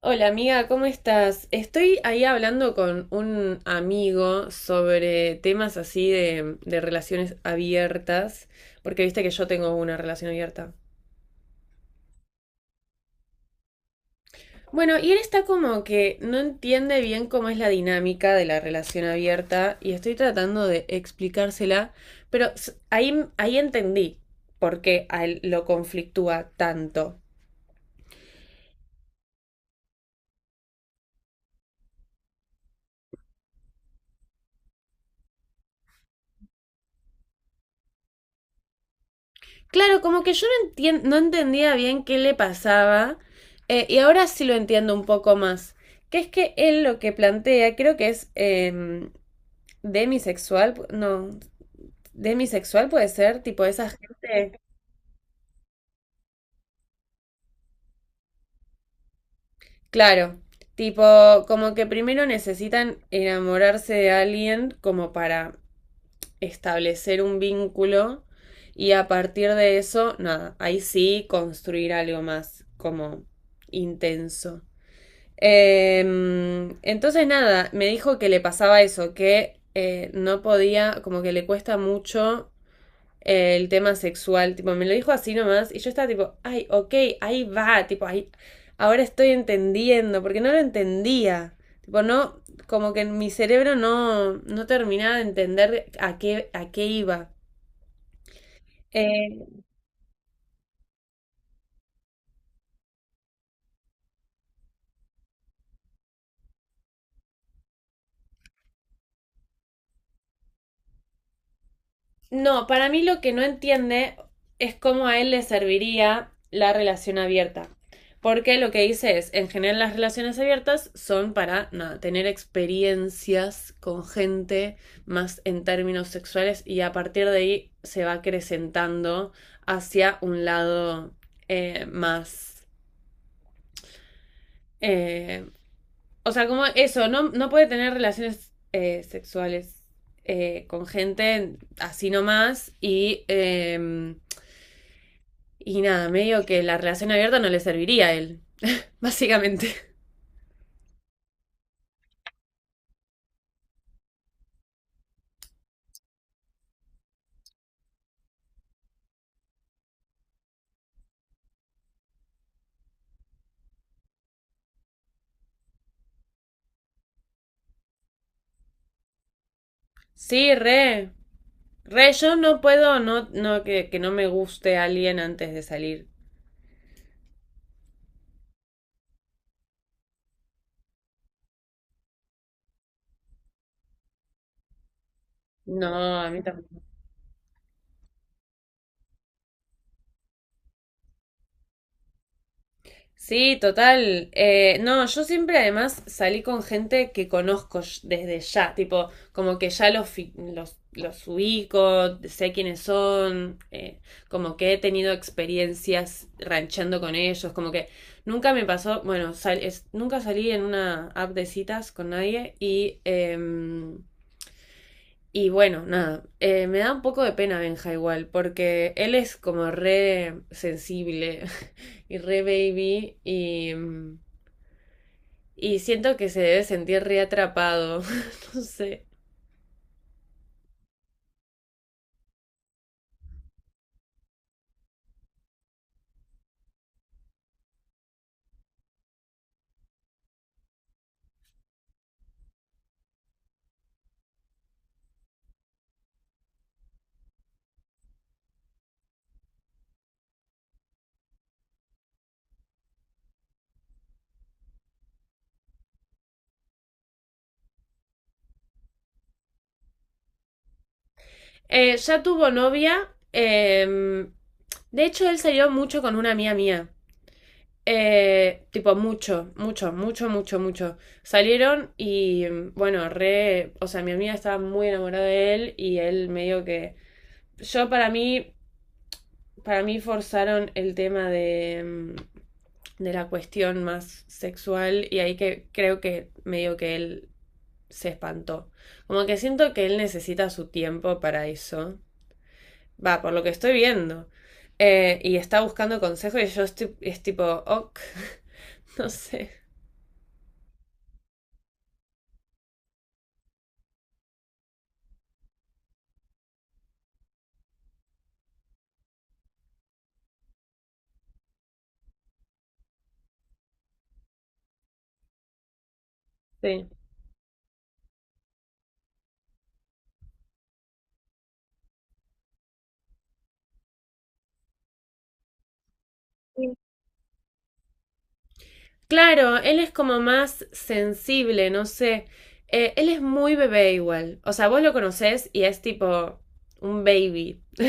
Hola amiga, ¿cómo estás? Estoy ahí hablando con un amigo sobre temas así de relaciones abiertas, porque viste que yo tengo una relación abierta. Bueno, y él está como que no entiende bien cómo es la dinámica de la relación abierta y estoy tratando de explicársela, pero ahí entendí por qué a él lo conflictúa tanto. Claro, como que yo no entendía bien qué le pasaba, y ahora sí lo entiendo un poco más. Que es que él lo que plantea, creo que es demisexual, pu- no, demisexual puede ser, tipo esa gente. Claro, tipo, como que primero necesitan enamorarse de alguien como para establecer un vínculo, y a partir de eso, nada, ahí sí construir algo más como intenso. Entonces nada, me dijo que le pasaba eso, que no podía, como que le cuesta mucho el tema sexual, tipo, me lo dijo así nomás y yo estaba tipo, ay, ok, ahí va, tipo, ahí, ahora estoy entendiendo, porque no lo entendía, tipo, no, como que en mi cerebro no terminaba de entender a a qué iba. Eh, No, para mí lo que no entiende es cómo a él le serviría la relación abierta. Porque lo que dice es, en general las relaciones abiertas son para nada, tener experiencias con gente más en términos sexuales y a partir de ahí se va acrecentando hacia un lado eh, más... eh, o sea, como eso, no, no puede tener relaciones sexuales con gente así nomás. Y nada, medio que la relación abierta no le serviría a él, básicamente. Sí, re. Re, yo no puedo que no me guste alguien antes de salir. No, a mí tampoco. Sí, total. No, yo siempre además salí con gente que desde ya, tipo, como que ya los ubico, sé quiénes son, como que he tenido experiencias ranchando con ellos, como que nunca me pasó, bueno, nunca salí en una app de citas con nadie y bueno, nada. Me da un poco de pena Benja igual, porque él es como re sensible y re baby, y siento que se debe sentir reatrapado. No sé. Ya tuvo novia. De hecho, él salió mucho con una amiga mía. Tipo, mucho, mucho, mucho, mucho, mucho. Salieron y, bueno, re. O sea, mi amiga estaba muy enamorada de él y él medio que. Yo, para mí forzaron el tema de de la cuestión más sexual y ahí que creo que medio que él se espantó. Como que siento que él necesita su tiempo para eso. Va, por lo que estoy viendo. Y está buscando consejos y yo estoy, es tipo, ok, no sé. Sí. Claro, él es como más sensible, no sé. Él es muy bebé igual. O sea, vos lo conocés y es tipo un baby.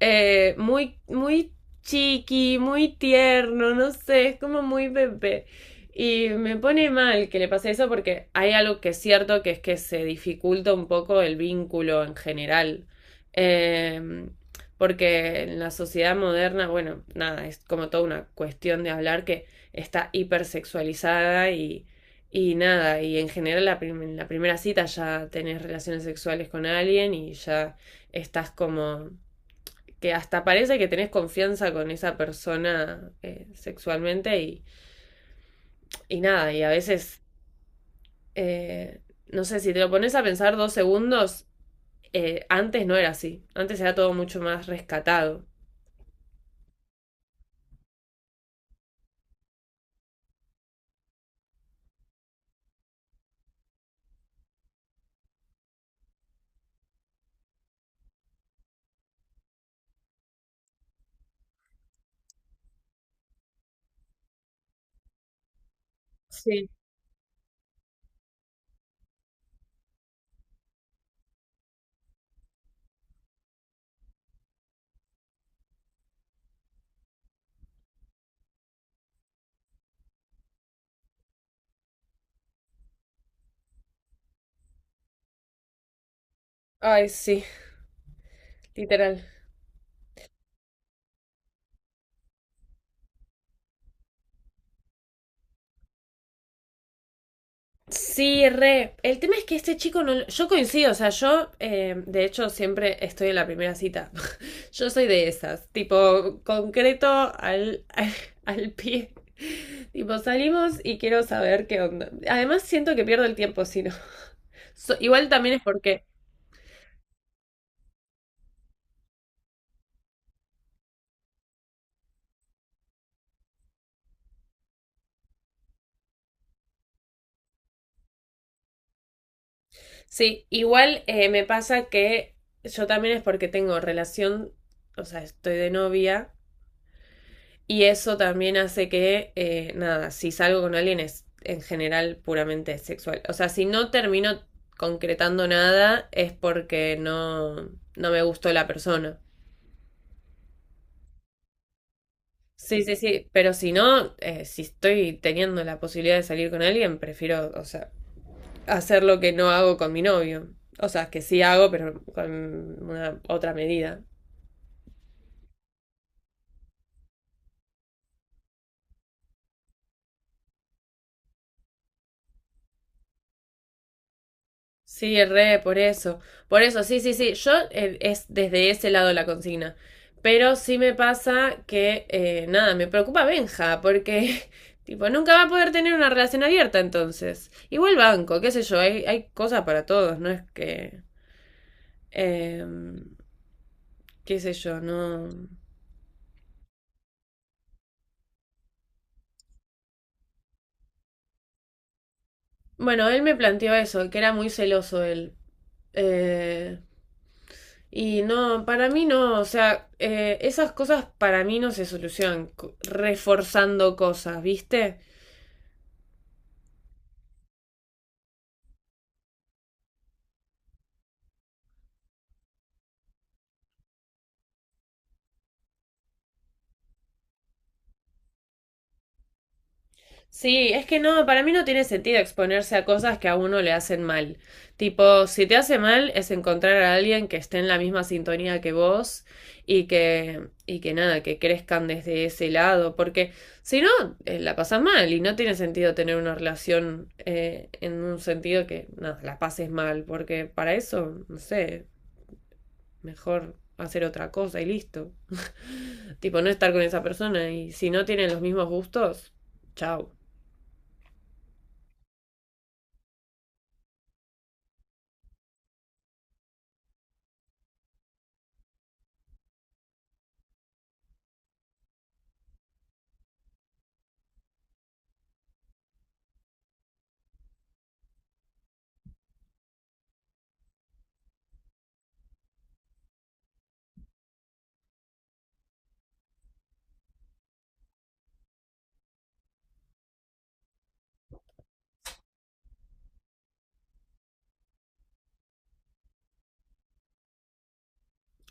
Muy chiqui, muy tierno, no sé, es como muy bebé. Y me pone mal que le pase eso porque hay algo que es cierto que es que se dificulta un poco el vínculo en general. Eh, Porque en la sociedad moderna, bueno, nada, es como toda una cuestión de hablar que está hipersexualizada y nada, y en general en la primera cita ya tenés relaciones sexuales con alguien y ya estás como que hasta parece que tenés confianza con esa persona sexualmente y nada, y a veces, eh, no sé, si te lo pones a pensar dos segundos, antes no era así, antes era todo mucho más rescatado. Sí. Ay, sí, literal. Sí, re. El tema es que este chico no... Yo coincido, o sea, yo de hecho siempre estoy en la primera cita. Yo soy de esas, tipo concreto al pie. Tipo, salimos y quiero saber qué onda. Además siento que pierdo el tiempo si no. Igual también es porque, sí, igual me pasa que yo también es porque tengo relación, o sea, estoy de novia. Y eso también hace que, nada, si salgo con alguien es en general puramente sexual. O sea, si no termino concretando nada es porque no me gustó la persona. Sí, sí, sí, pero si no, si estoy teniendo la posibilidad de salir con alguien, prefiero, o sea, hacer lo que no hago con mi novio. O sea, que sí hago, pero con una otra medida. Sí, re, por eso. Por eso, sí, sí, sí. Yo es desde ese lado la consigna. Pero sí me pasa que, nada, me preocupa Benja, porque, tipo, nunca va a poder tener una relación abierta entonces. Igual banco, qué sé yo, hay cosas para todos, no es que, eh, qué sé yo, no. Bueno, él me planteó eso, que era muy celoso él. Eh, Y no, para mí no, o sea, esas cosas para mí no se solucionan reforzando cosas, ¿viste? Sí, es que no, para mí no tiene sentido exponerse a cosas que a uno le hacen mal. Tipo, si te hace mal es encontrar a alguien que esté en la misma sintonía que vos y que nada, que crezcan desde ese lado, porque si no, la pasas mal y no tiene sentido tener una relación en un sentido que, nada, la pases mal, porque para eso, no sé. Mejor hacer otra cosa y listo. Tipo, no estar con esa persona y si no tienen los mismos gustos, chao.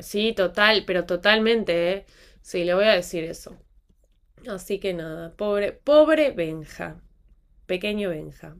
Sí, total, pero totalmente, ¿eh? Sí, le voy a decir eso. Así que nada, pobre, pobre Benja, pequeño Benja.